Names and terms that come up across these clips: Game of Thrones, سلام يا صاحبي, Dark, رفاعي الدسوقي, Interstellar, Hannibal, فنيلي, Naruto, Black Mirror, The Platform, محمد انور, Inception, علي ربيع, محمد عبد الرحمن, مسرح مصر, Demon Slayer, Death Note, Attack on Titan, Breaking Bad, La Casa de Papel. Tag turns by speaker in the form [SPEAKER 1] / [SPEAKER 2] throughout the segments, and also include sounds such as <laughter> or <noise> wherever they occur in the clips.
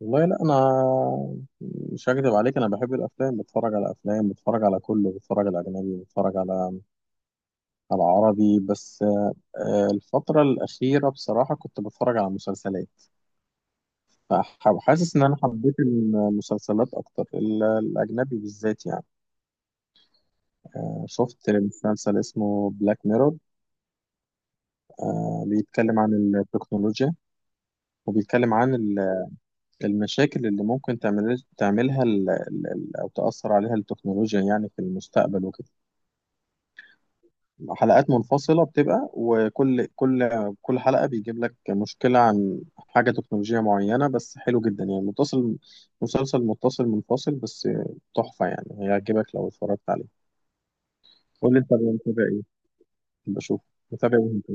[SPEAKER 1] والله لا، انا مش هكدب عليك. انا بحب الافلام، بتفرج على افلام، بتفرج على كله، بتفرج على اجنبي، بتفرج على عربي. بس الفتره الاخيره بصراحه كنت بتفرج على مسلسلات، فحاسس ان انا حبيت المسلسلات اكتر، الاجنبي بالذات يعني. شفت مسلسل اسمه بلاك ميرور، بيتكلم عن التكنولوجيا وبيتكلم عن المشاكل اللي ممكن تعملها او تاثر عليها التكنولوجيا يعني في المستقبل وكده. حلقات منفصلة بتبقى، وكل كل كل حلقة بيجيب لك مشكلة عن حاجة تكنولوجية معينة، بس حلو جدا يعني. متصل مسلسل متصل منفصل، بس تحفة يعني، هيعجبك لو اتفرجت عليه. قول لي انت متابع ايه بشوف. متابع ايه انت؟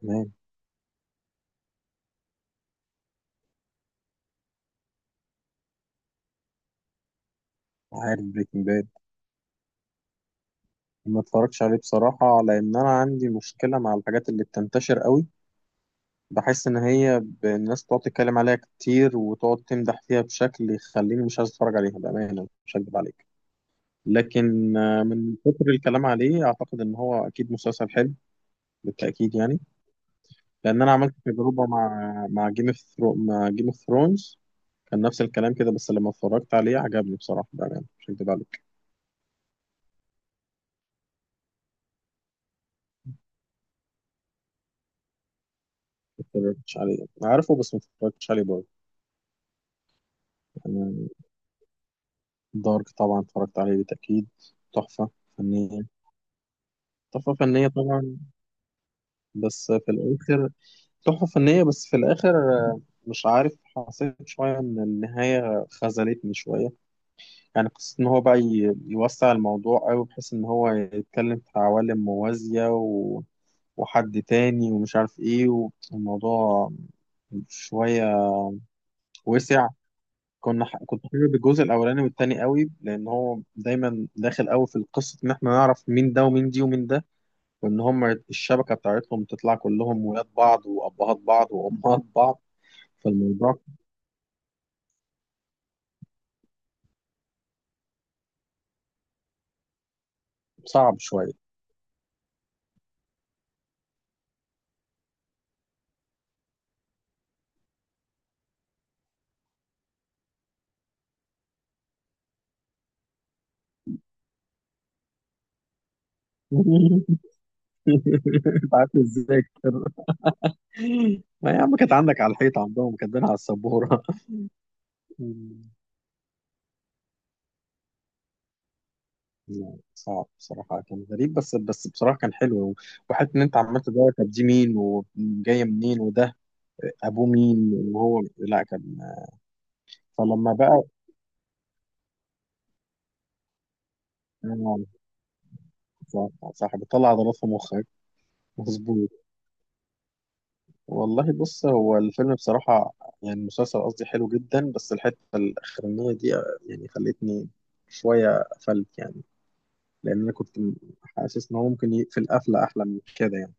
[SPEAKER 1] تمام. عارف بريكنج باد، ما اتفرجتش عليه بصراحة، لأن أنا عندي مشكلة مع الحاجات اللي بتنتشر قوي. بحس إن هي الناس بتقعد تتكلم عليها كتير وتقعد تمدح فيها بشكل يخليني مش عايز أتفرج عليها، بأمانة مش هكدب عليك. لكن من كتر الكلام عليه، اعتقد ان هو اكيد مسلسل حلو، بالتاكيد يعني. لان انا عملت تجربه مع جيم مع جيم اوف ثرونز، كان نفس الكلام كده، بس لما اتفرجت عليه عجبني بصراحه، بامانه مش هكدب عليك. ما اتفرجتش عليه، انا عارفه بس ما اتفرجتش عليه برضه. يعني دارك طبعا اتفرجت عليه بالتاكيد، تحفه فنيه. تحفه فنيه طبعا، بس في الاخر، تحفه فنيه بس في الاخر مش عارف، حسيت شويه ان النهايه خذلتني شويه. يعني قصة إن هو بقى يوسع الموضوع أوي بحيث إن هو يتكلم في عوالم موازية وحد تاني ومش عارف إيه، والموضوع شوية وسع. كنت حابب الجزء الأولاني والتاني قوي، لأن هو دايما داخل قوي في القصة، إن إحنا نعرف مين ده ومين دي ومين ده، وإن هم الشبكة بتاعتهم تطلع كلهم ولاد بعض وأبهات بعض وأمهات بعض. فالموضوع صعب شوية. <laughs> أنت عارف إزاي، ما يا عم كانت عندك على الحيطة، عندهم كاتبينها على السبورة. <laughs> مم. لا، صعب بصراحة، كان غريب، بس بصراحة كان حلو. وحتى إن أنت عمال تدور، طب دي مين وجاية منين، وده أبوه مين، وهو لا كان. فلما بقى آه، صح. صح، بتطلع عضلات في مخك، مظبوط. والله بص، هو الفيلم بصراحة، يعني المسلسل قصدي، حلو جدا، بس الحتة الأخرانية دي يعني خلتني شوية قفلت يعني. لان انا حاسس ان هو ممكن يقفل قفله احلى من كده يعني.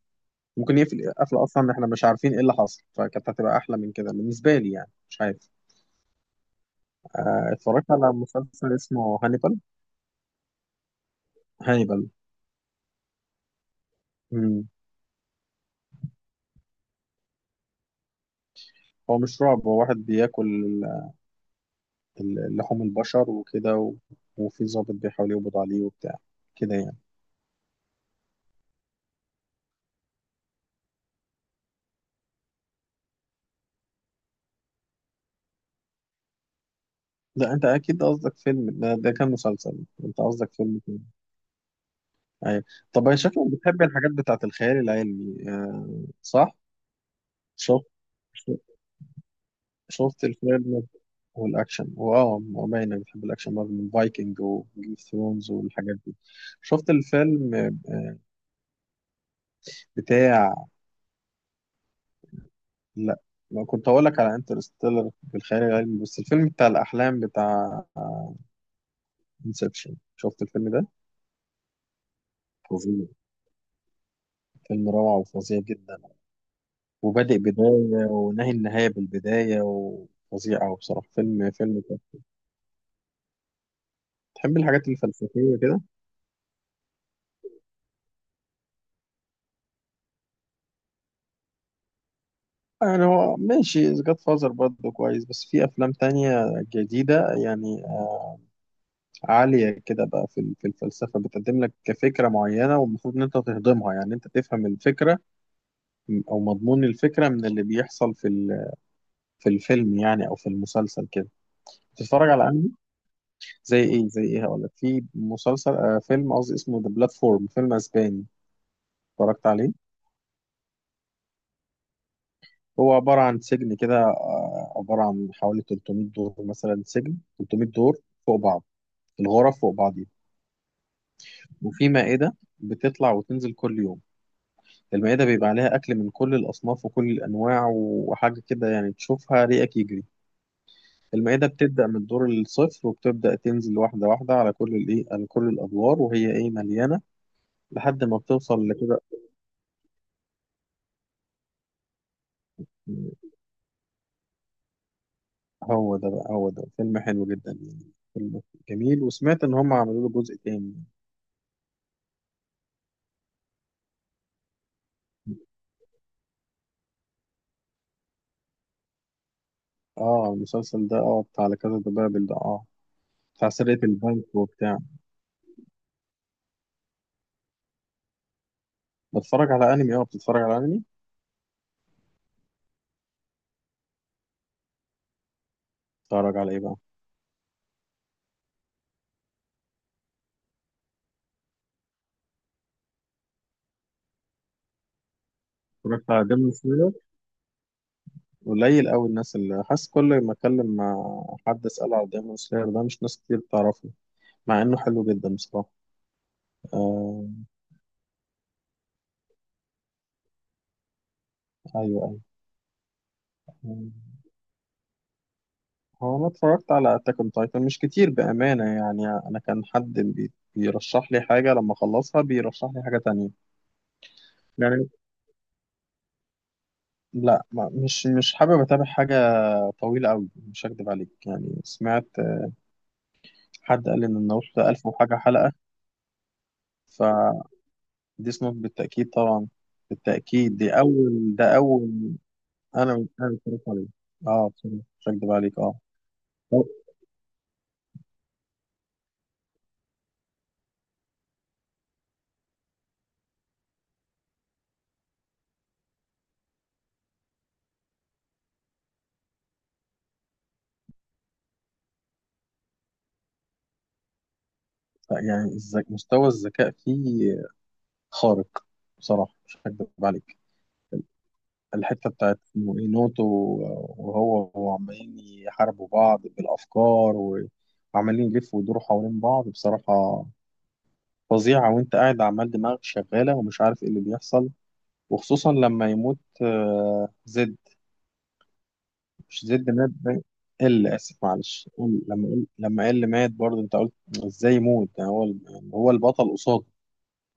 [SPEAKER 1] ممكن يقفل قفله اصلا احنا مش عارفين ايه اللي حصل، فكانت هتبقى احلى من كده بالنسبه لي يعني، مش عارف. اتفرجت على مسلسل اسمه هانيبال. هانيبال. مم. هو مش رعب، هو واحد بياكل لحوم البشر وكده وفي ضابط بيحاول يقبض عليه وبتاع كده يعني. لا انت اكيد قصدك فيلم ده، ده كان مسلسل. انت قصدك فيلم تاني. ايوه. طب انا شكلك بتحب الحاجات بتاعت الخيال العلمي، آه صح. شوف، شفت الفيلم، والاكشن، واه، هو باين انا بحب الاكشن برضه من فايكنج وجيم اوف ثرونز والحاجات دي. شفت الفيلم بتاع؟ لا، ما كنت اقول لك على انترستيلر بالخيال العلمي، بس الفيلم بتاع الاحلام، بتاع انسبشن. شفت الفيلم ده؟ فظيع، فيلم روعة وفظيع جدا، وبادئ بداية ونهي النهاية بالبداية، وفظيع أوي بصراحة، فيلم فيلم كده. تحب الحاجات الفلسفية كده؟ يعني هو ماشي، جاد فازر برضه كويس، بس في أفلام تانية جديدة يعني، عالية كده بقى في في الفلسفة، بتقدم لك كفكرة معينة والمفروض إن أنت تهضمها، يعني أنت تفهم الفكرة أو مضمون الفكرة من اللي بيحصل في في الفيلم يعني أو في المسلسل كده. بتتفرج على أنمي؟ زي إيه زي إيه، هقول لك في مسلسل آه فيلم قصدي اسمه ذا بلاتفورم، فيلم أسباني، اتفرجت عليه؟ هو عبارة عن سجن كده، عبارة عن حوالي 300 دور مثلا، سجن 300 دور فوق بعض، الغرف فوق بعضيها، وفي مائدة بتطلع وتنزل كل يوم. المائدة بيبقى عليها أكل من كل الأصناف وكل الأنواع وحاجة كده، يعني تشوفها ريقك يجري. المائدة بتبدأ من الدور الصفر وبتبدأ تنزل واحدة واحدة على كل الإيه على كل الأدوار وهي إيه مليانة، لحد ما بتوصل لكده. هو ده بقى، هو ده فيلم حلو جدا يعني، فيلم جميل، وسمعت إن هم عملوا له جزء تاني. اه، المسلسل ده اه، بتاع لا كازا دي بابل ده، اه، بتاع سرقة البنك وبتاع. بتتفرج على أنمي، اه بتتفرج على أنمي. اتفرج على ايه بقى؟ اتفرجت على ديمون سلاير، قليل قوي الناس اللي، حاسس كل ما اتكلم مع حد اساله على ديمون سلاير ده، مش ناس كتير بتعرفه، مع انه حلو جدا بصراحه. آه... ايوه ايوه. هو انا اتفرجت على اتاك اون تايتن، مش كتير بامانه يعني، انا كان حد بيرشح لي حاجه لما اخلصها بيرشح لي حاجه تانية يعني. لا، ما مش مش حابب اتابع حاجه طويله قوي مش هكدب عليك يعني. سمعت حد قال ان الناروتو ده 1000 وحاجه حلقه. ف دي سموك بالتأكيد طبعا، بالتأكيد دي أول، ده أول. أنا اتفرجت عليه أه، بصراحة مش هكدب عليك أه. هو- يعني مستوى الذكاء فيه خارق، بصراحة مش هكدب عليك. الحتة بتاعت إنه إيه نوتو، وعمالين يحاربوا بعض بالأفكار وعمالين يلفوا ويدوروا حوالين بعض، بصراحة فظيعة. وأنت قاعد عمال دماغك شغالة ومش عارف إيه اللي بيحصل، وخصوصا لما يموت زد. مش زد، مات باين، ال اسف معلش، ال لما ال لما ال مات برضه انت قلت ازاي يموت ده، هو يعني هو البطل قصاده،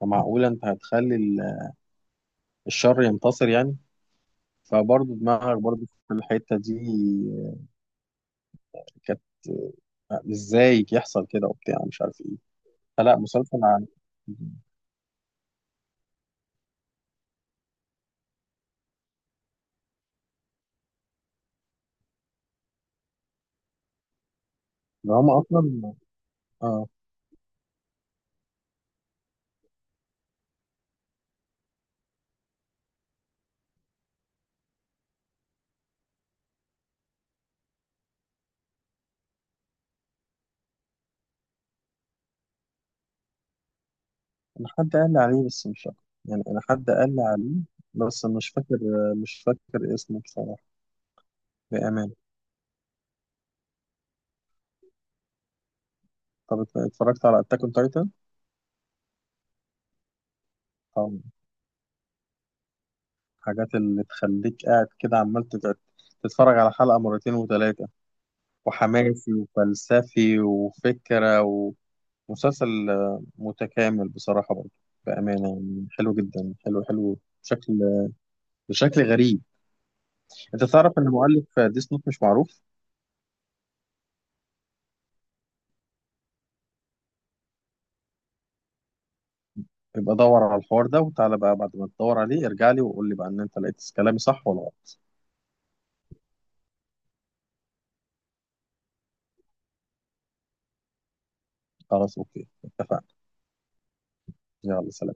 [SPEAKER 1] فمعقوله انت هتخلي الشر ينتصر يعني. فبرضه دماغك برضه في الحته دي كانت، ازاي يحصل كده وبتاع مش عارف ايه. فلا، مسلسل عن، ده هما اصلا، اه. انا حد قال لي عليه بس مش فاكر يعني انا حد قال لي عليه بس مش فاكر، مش فاكر اسمه بصراحه، بامانه. طب اتفرجت على اتاك اون تايتن؟ الحاجات اللي تخليك قاعد كده عمال تتفرج على حلقة مرتين وتلاتة، وحماسي وفلسفي وفكرة ومسلسل متكامل بصراحة برضه، بأمانة يعني حلو جدا، حلو حلو بشكل، بشكل غريب. أنت تعرف إن مؤلف ديس نوت مش معروف؟ يبقى دور على الحوار ده، وتعالى بقى بعد ما تدور عليه ارجع لي وقول لي بقى إن أنت لقيت كلامي صح ولا غلط. خلاص أوكي اتفقنا. يلا سلام.